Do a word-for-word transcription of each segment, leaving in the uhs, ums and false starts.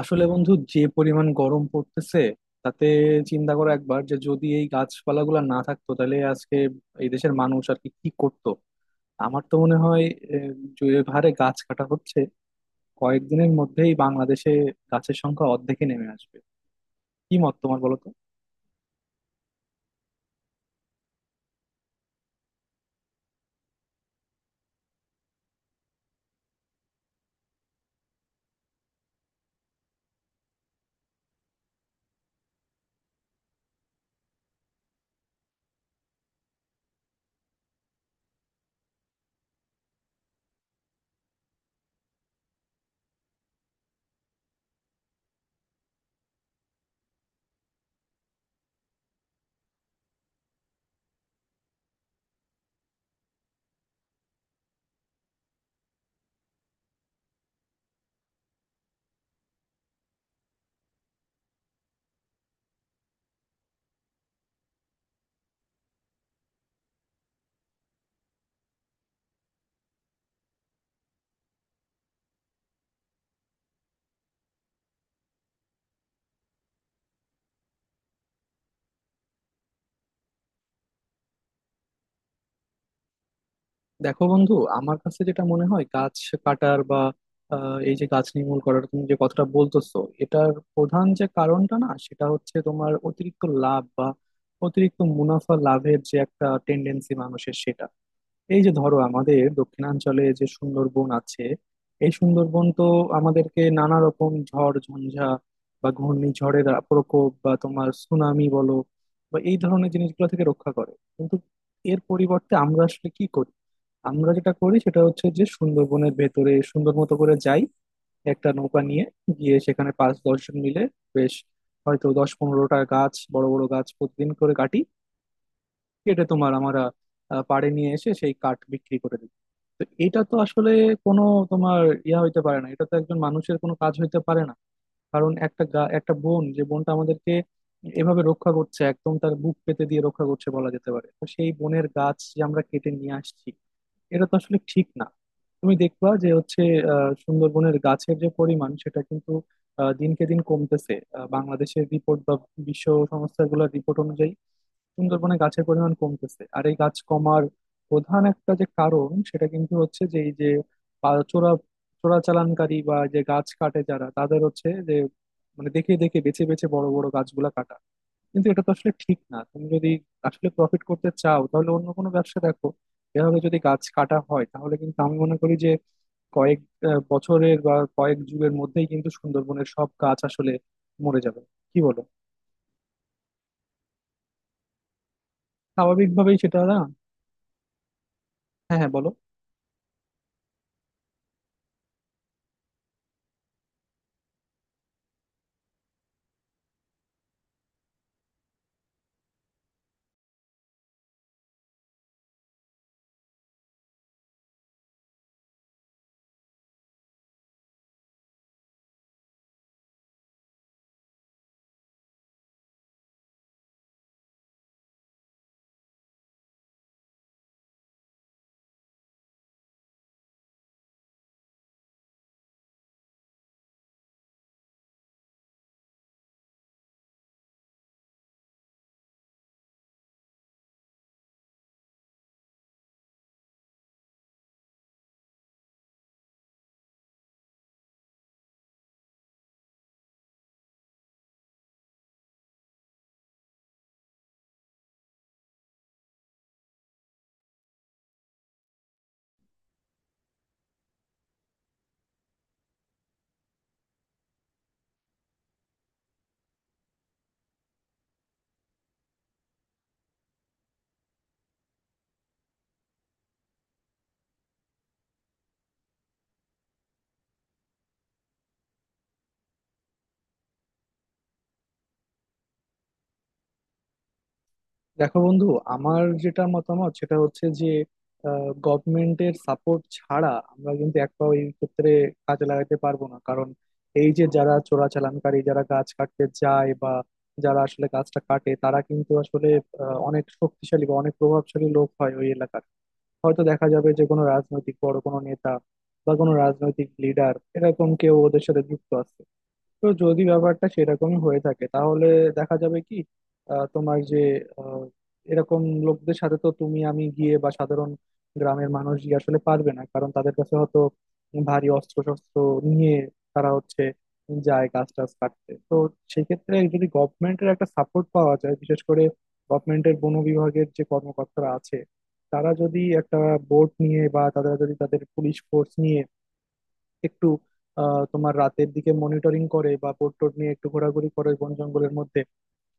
আসলে বন্ধু, যে পরিমাণ গরম পড়তেছে তাতে চিন্তা করো একবার যে যদি এই গাছপালাগুলো না থাকতো তাহলে আজকে এই দেশের মানুষ আর কি কি করতো। আমার তো মনে হয় আহ, যে হারে গাছ কাটা হচ্ছে, কয়েকদিনের মধ্যেই বাংলাদেশে গাছের সংখ্যা অর্ধেকে নেমে আসবে। কি মত তোমার, বলো তো। দেখো বন্ধু, আমার কাছে যেটা মনে হয়, গাছ কাটার বা আহ, এই যে গাছ নির্মূল করার তুমি যে কথাটা বলতেছো, এটার প্রধান যে কারণটা, না, সেটা হচ্ছে তোমার অতিরিক্ত লাভ বা অতিরিক্ত মুনাফা লাভের যে একটা টেন্ডেন্সি মানুষের, সেটা। এই যে ধরো, আমাদের দক্ষিণাঞ্চলে যে সুন্দরবন আছে, এই সুন্দরবন তো আমাদেরকে নানা রকম ঝড় ঝঞ্ঝা বা ঘূর্ণিঝড়ের আ- প্রকোপ বা তোমার সুনামি বলো বা এই ধরনের জিনিসগুলো থেকে রক্ষা করে, কিন্তু এর পরিবর্তে আমরা আসলে কি করি? আমরা যেটা করি সেটা হচ্ছে যে, সুন্দরবনের ভেতরে সুন্দর মতো করে যাই একটা নৌকা নিয়ে, গিয়ে সেখানে পাঁচ দশজন মিলে বেশ, হয়তো দশ পনেরোটা গাছ, বড় বড় গাছ প্রতিদিন করে কাটি। কেটে তোমার আমরা আহ, পাড়ে নিয়ে এসে সেই কাঠ বিক্রি করে দিই। তো এটা তো আসলে কোনো তোমার ইয়া হইতে পারে না, এটা তো একজন মানুষের কোনো কাজ হইতে পারে না। কারণ একটা গা- একটা বোন, যে বোনটা আমাদেরকে এভাবে রক্ষা করছে, একদম তার বুক পেতে দিয়ে রক্ষা করছে বলা যেতে পারে, তো সেই বোনের গাছ যে আমরা কেটে নিয়ে আসছি, এটা তো আসলে ঠিক না। তুমি দেখবা যে হচ্ছে, আহ সুন্দরবনের গাছের যে পরিমাণ, সেটা কিন্তু আহ, দিনকে দিন কমতেছে। আহ, বাংলাদেশের রিপোর্ট বা বিশ্ব সংস্থাগুলোর রিপোর্ট অনুযায়ী, সুন্দরবনে গাছের পরিমাণ কমতেছে। আর এই গাছ কমার প্রধান একটা যে কারণ, সেটা কিন্তু হচ্ছে যে এই যে পা- চোরা, চোরাচালানকারী বা যে গাছ কাটে যারা, তাদের হচ্ছে যে, মানে দেখে দেখে, বেছে বেছে বড় বড় গাছগুলা কাটা। কিন্তু এটা তো আসলে ঠিক না। তুমি যদি আসলে প্রফিট করতে চাও, তাহলে অন্য কোনো ব্যবসা দেখো। এভাবে যদি গাছ কাটা হয় তাহলে কিন্তু আমি মনে করি যে কয়েক আহ, বছরের বা কয়েক যুগের মধ্যেই কিন্তু সুন্দরবনের সব গাছ আসলে মরে যাবে। কি বলো, স্বাভাবিকভাবেই সেটা, না? হ্যাঁ হ্যাঁ, বলো। দেখো বন্ধু, আমার যেটা মতামত সেটা হচ্ছে যে, গভর্নমেন্টের সাপোর্ট ছাড়া আমরা কিন্তু এক পাও এই ক্ষেত্রে কাজে লাগাতে পারবো না। কারণ এই যে যারা চোরাচালানকারী, যারা গাছ কাটতে যায় বা যারা আসলে গাছটা কাটে, তারা কিন্তু আসলে আহ, অনেক শক্তিশালী বা অনেক প্রভাবশালী লোক হয় ওই এলাকার। হয়তো দেখা যাবে যে কোনো রাজনৈতিক বড় কোনো নেতা বা কোনো রাজনৈতিক লিডার, এরকম কেউ ওদের সাথে যুক্ত আছে। তো যদি ব্যাপারটা সেরকমই হয়ে থাকে, তাহলে দেখা যাবে কি, আহ, তোমার যে আহ, এরকম লোকদের সাথে তো তুমি আমি গিয়ে বা সাধারণ গ্রামের মানুষ গিয়ে আসলে পারবে না। কারণ তাদের কাছে হয়তো ভারী অস্ত্র শস্ত্র নিয়ে তারা হচ্ছে যায় গাছ টাছ কাটতে। তো সেক্ষেত্রে যদি গভর্নমেন্টের একটা সাপোর্ট পাওয়া যায়, বিশেষ করে গভর্নমেন্টের বন বিভাগের যে কর্মকর্তারা আছে, তারা যদি একটা বোট নিয়ে বা তারা যদি তাদের পুলিশ ফোর্স নিয়ে একটু আহ, তোমার রাতের দিকে মনিটরিং করে বা বোট টোট নিয়ে একটু ঘোরাঘুরি করে বন জঙ্গলের মধ্যে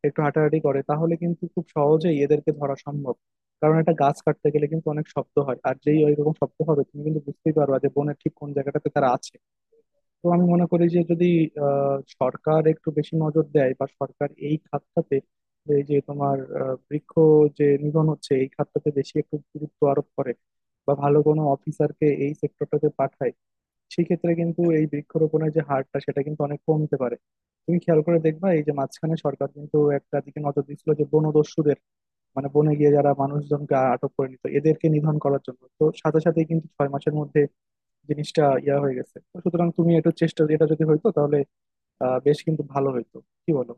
একটু হাঁটাহাঁটি করে, তাহলে কিন্তু খুব সহজেই এদেরকে ধরা সম্ভব। কারণ একটা গাছ কাটতে গেলে কিন্তু অনেক শব্দ হয়, আর যেই ওইরকম শব্দ হবে তুমি কিন্তু বুঝতেই পারবা যে বনের ঠিক কোন জায়গাটাতে তারা আছে। তো আমি মনে করি যে যদি আহ সরকার একটু বেশি নজর দেয় বা সরকার এই খাতটাতে, এই যে তোমার আহ, বৃক্ষ যে নিধন হচ্ছে এই খাতটাতে বেশি একটু গুরুত্ব আরোপ করে বা ভালো কোনো অফিসারকে এই সেক্টরটাতে পাঠায়, সেক্ষেত্রে কিন্তু এই বৃক্ষরোপণের যে হারটা, সেটা কিন্তু অনেক কমতে পারে। তুমি খেয়াল করে দেখবা, এই যে মাঝখানে সরকার কিন্তু একটা দিকে নজর দিচ্ছিল, যে বনদস্যুদের, মানে বনে গিয়ে যারা মানুষজনকে আ- আটক করে নিত, এদেরকে নিধন করার জন্য, তো সাথে সাথে কিন্তু ছয় মাসের মধ্যে জিনিসটা ইয়া হয়ে গেছে। তো সুতরাং তুমি একটু চেষ্টা, এটা যদি হইতো তাহলে আহ বেশ কিন্তু ভালো হইতো। কি বলো?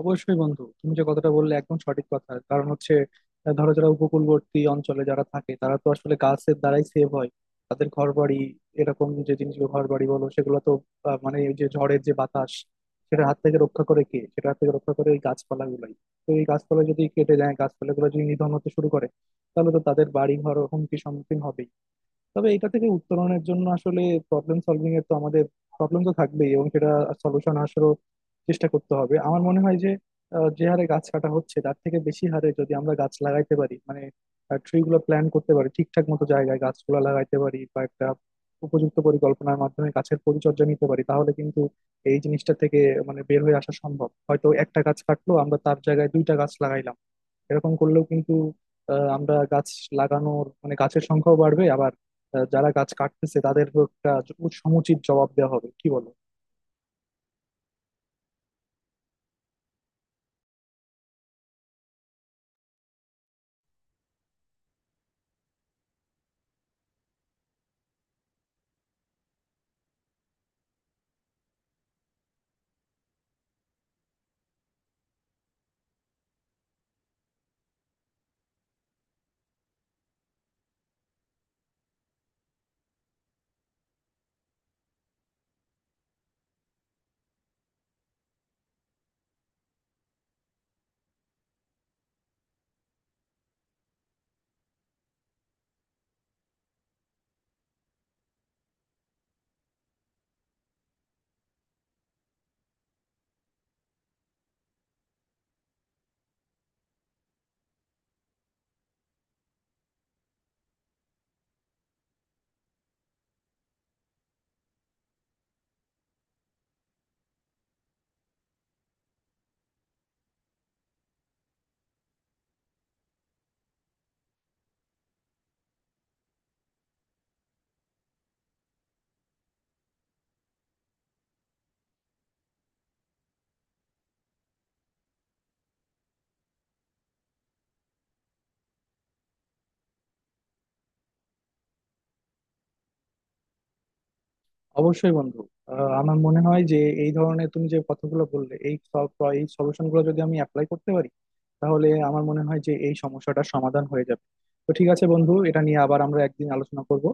অবশ্যই বন্ধু, তুমি যে কথাটা বললে একদম সঠিক কথা। কারণ হচ্ছে, আহ, ধরো যারা উপকূলবর্তী অঞ্চলে যারা থাকে, তারা তো আসলে গাছের দ্বারাই সেভ হয়। তাদের ঘর বাড়ি, এরকম যে জিনিসগুলো, ঘর বাড়ি বলো, সেগুলো তো আহ, মানে ওই যে ঝড়ের যে বাতাস, সেটার হাত থেকে রক্ষা করে কে? সেটার হাত থেকে রক্ষা করে এই গাছপালা গুলাই। তো এই গাছপালা যদি কেটে যায়, গাছপালা গুলো যদি নিধন হতে শুরু করে, তাহলে তো তাদের বাড়ি ঘর হুমকির সম্মুখীন হবে। তবে এটা থেকে উত্তরণের জন্য আসলে প্রবলেম সলভিং এর, তো আমাদের প্রবলেম তো থাকবেই, এবং সেটা সলিউশন আসারও চেষ্টা করতে হবে। আমার মনে হয় যে আহ, যে হারে গাছ কাটা হচ্ছে, তার থেকে বেশি হারে যদি আমরা গাছ লাগাইতে পারি, মানে ট্রি গুলো প্ল্যান করতে পারি, ঠিকঠাক মতো জায়গায় গাছগুলো লাগাইতে পারি বা একটা উপযুক্ত পরিকল্পনার মাধ্যমে গাছের পরিচর্যা নিতে পারি, তাহলে কিন্তু এই জিনিসটা থেকে মানে বের হয়ে আসা সম্ভব। হয়তো একটা গাছ কাটলো, আমরা তার জায়গায় দুইটা গাছ লাগাইলাম, এরকম করলেও কিন্তু আহ, আমরা গাছ লাগানোর মানে গাছের সংখ্যাও বাড়বে। আবার আহ, যারা গাছ কাটতেছে তাদেরও একটা জ- সমুচিত জবাব দেওয়া হবে। কি বলো? অবশ্যই বন্ধু, আহ, আমার মনে হয় যে এই ধরনের তুমি যে কথাগুলো বললে, এই সব এই সলিউশন গুলো যদি আমি অ্যাপ্লাই করতে পারি, তাহলে আমার মনে হয় যে এই সমস্যাটার সমাধান হয়ে যাবে। তো ঠিক আছে বন্ধু, এটা নিয়ে আবার আমরা একদিন আলোচনা করব।